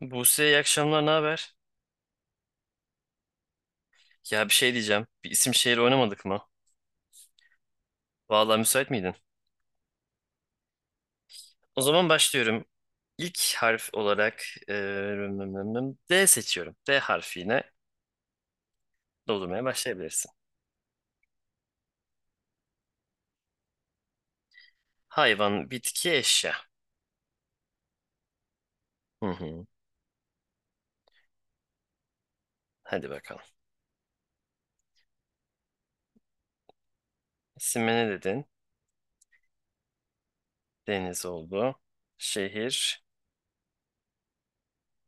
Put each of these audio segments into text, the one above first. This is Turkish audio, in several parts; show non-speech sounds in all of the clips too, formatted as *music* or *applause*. Buse iyi akşamlar, ne haber? Ya bir şey diyeceğim. Bir isim şehir oynamadık mı? Vallahi müsait miydin? O zaman başlıyorum. İlk harf olarak eee, D seçiyorum. D harfiyle doldurmaya başlayabilirsin. Hayvan, bitki, eşya. Hı hı. Hadi bakalım. İsmi ne dedin? Deniz oldu. Şehir.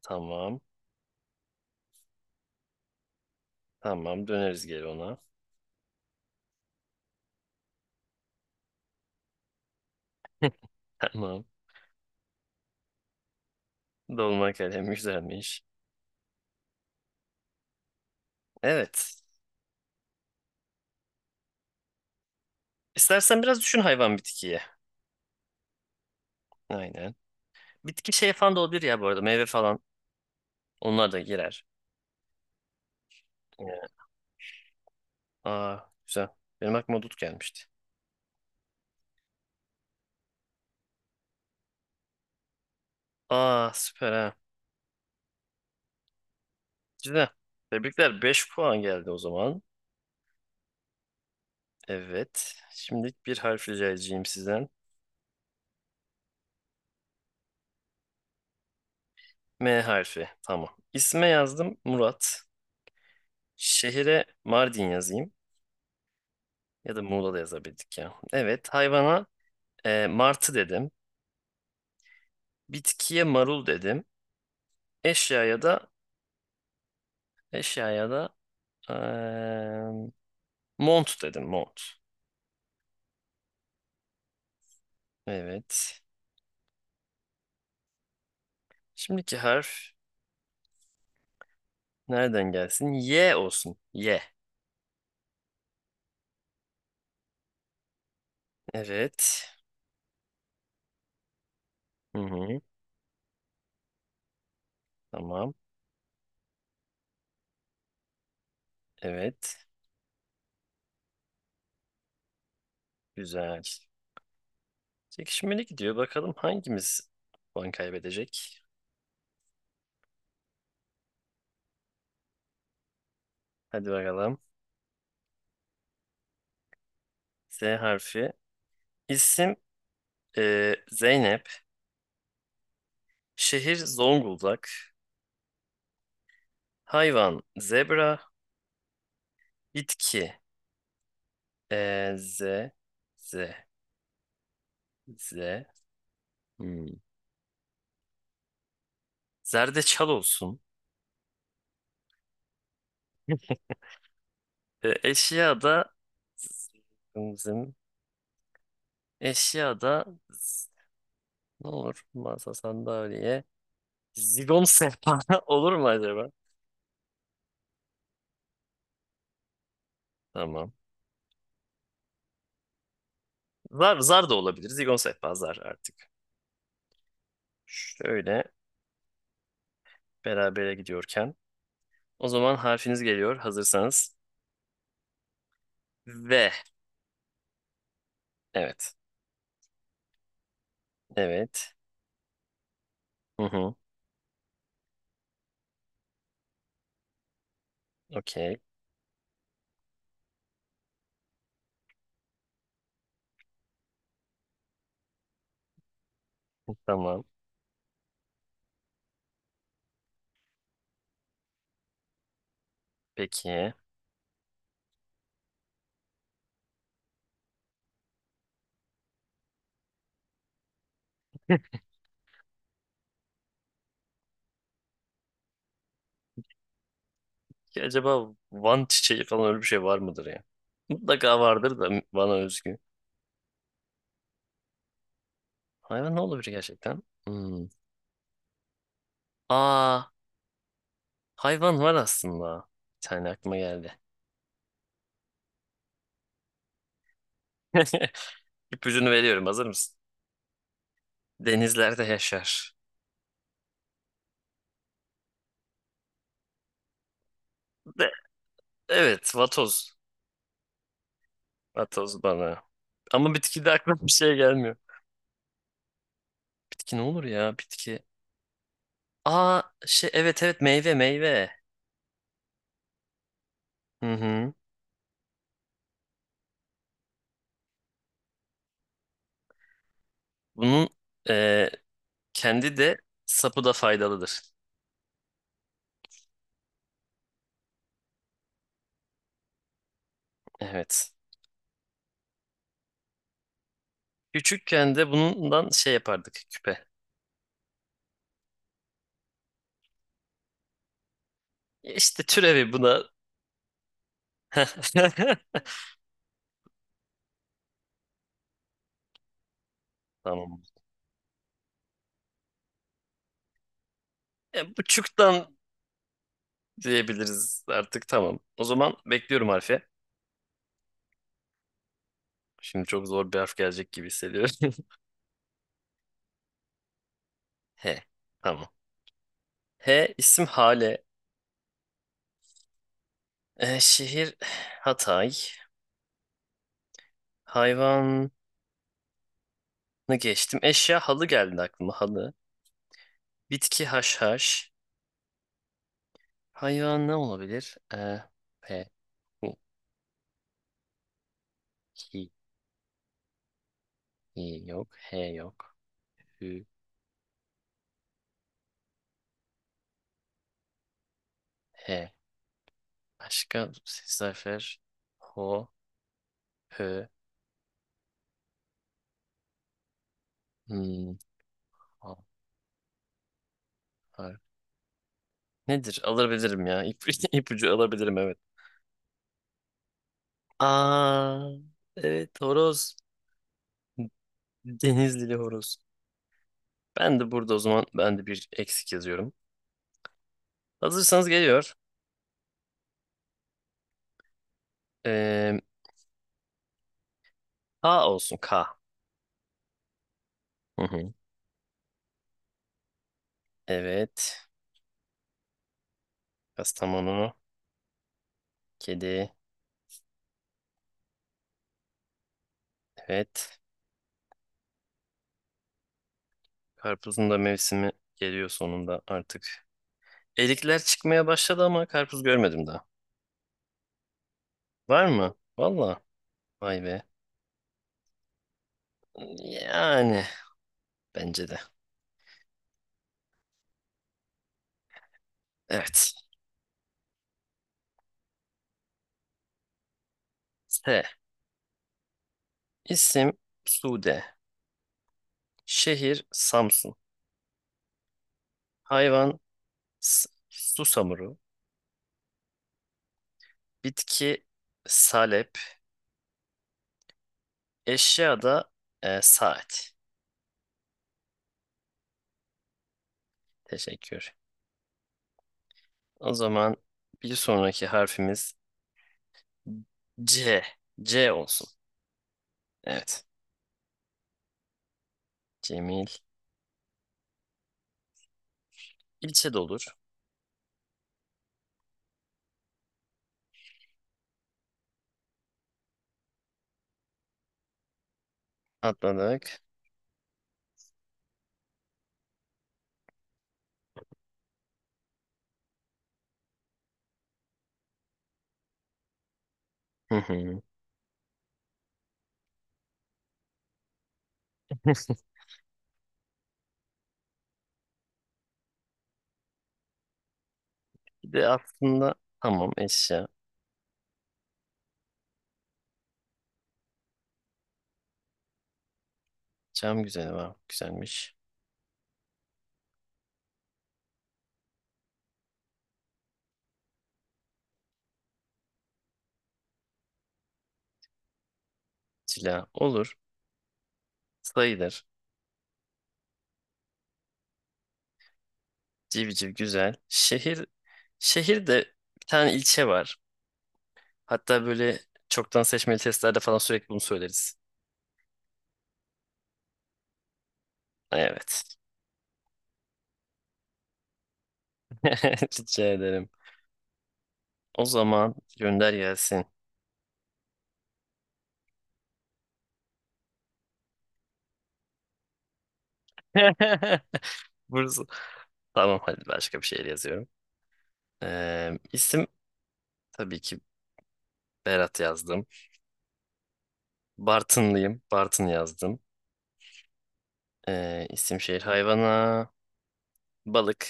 Tamam. Tamam. Döneriz geri ona. *laughs* Tamam. Dolma kalem güzelmiş. Evet. İstersen biraz düşün hayvan bitkiye. Aynen. Bitki şey falan da olabilir ya bu arada. Meyve falan. Onlar da girer. Yine. Aa, güzel. Benim aklıma dut gelmişti. Aa, süper ha. Güzel. Tebrikler. 5 puan geldi o zaman. Evet. Şimdi bir harf rica edeceğim sizden. M harfi. Tamam. İsme yazdım Murat. Şehire Mardin yazayım. Ya da Muğla da yazabildik ya. Evet. Hayvana martı dedim. Bitkiye marul dedim. Eşyaya da eşyaya da e, mont dedim. Mont. Evet. Şimdiki harf nereden gelsin? Y olsun. Y. Evet. Hı hı. Tamam. Evet. Güzel. Çekişmeli gidiyor. Bakalım hangimiz puan kaybedecek? Hadi bakalım. Z harfi. İsim Zeynep. Şehir Zonguldak. Hayvan zebra. Bitki Z. Z. Z. Hmm. Zerdeçal olsun. Eşya da zım, zım. Eşya da z- ne olur? Masa, sandalye, zigon sehpa *laughs* olur mu acaba? Tamam. Zar, zar da olabilir. Zigon sehpa zar artık. Şöyle berabere gidiyorken. O zaman harfiniz geliyor. Hazırsanız. V. Evet. Evet. Hı hı. Okey. Tamam. Peki. Ki acaba Van çiçeği falan öyle bir şey var mıdır ya? Mutlaka vardır da bana özgü. Hayvan ne olabilir gerçekten? Hmm. Aa. Hayvan var aslında. Bir tane aklıma geldi. *laughs* İpucunu veriyorum. Hazır mısın? Denizlerde yaşar. De- evet, vatoz. Vatoz bana. Ama bitki de aklıma bir şey gelmiyor. Bitki ne olur ya? Bitki. Aa, şey, evet evet, meyve meyve. Hı hı. Bunun e, kendi de sapı da faydalıdır. Evet. Küçükken de bundan şey yapardık küpe. İşte türevi buna. *laughs* Tamam. Bu çuktan diyebiliriz artık tamam. O zaman bekliyorum harfi. Şimdi çok zor bir harf gelecek gibi hissediyorum. *laughs* H. Tamam. H isim Hale. Şehir Hatay. Hayvanı geçtim. Eşya halı geldi aklıma halı. Bitki haşhaş. Hayvan ne olabilir? P. Hu. Hi. Hi yok. H yok. Hü. H. Başka ses harfler. Ho. Hö. Hmm. ha, har- Nedir? Alabilirim ya. *laughs* İpucu alabilirim evet. Aa, evet horoz. Denizlili horoz. Ben de burada o zaman ben de bir eksik yazıyorum. Hazırsanız geliyor. Ee, K olsun K. Hı hı. Evet. Kastamonu. Kedi. Evet. Karpuzun da mevsimi geliyor sonunda artık. Erikler çıkmaya başladı ama karpuz görmedim daha. Var mı? Valla. Vay be. Yani bence de. Evet. S. İsim Sude. Şehir Samsun. Hayvan susamuru, bitki salep, eşya da saat. Teşekkür. O zaman bir sonraki harfimiz C. C olsun. Evet. Cemil. İlçe de olur. Atladık. Hı hı. *laughs* Bir de aslında tamam eşya. Cam güzeli var. Güzelmiş. Cila olur. Sayılır. Civciv güzel. Şehir. Şehirde bir tane ilçe var. Hatta böyle çoktan seçmeli testlerde falan sürekli bunu söyleriz. Evet. *laughs* Rica ederim. O zaman gönder gelsin. *laughs* Burası. Tamam, hadi başka bir şey yazıyorum. İsim tabii ki Berat yazdım. Bartınlıyım. Bartın yazdım. İsim şehir hayvana balık.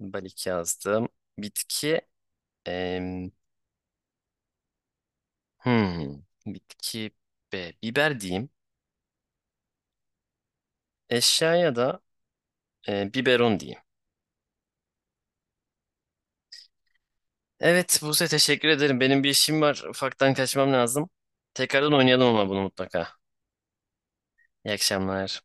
Balık yazdım. Bitki em, hmm, bitki biber diyeyim. Eşyaya da biberon diyeyim. Evet Buse, teşekkür ederim. Benim bir işim var. Ufaktan kaçmam lazım. Tekrardan oynayalım ama bunu mutlaka. İyi akşamlar.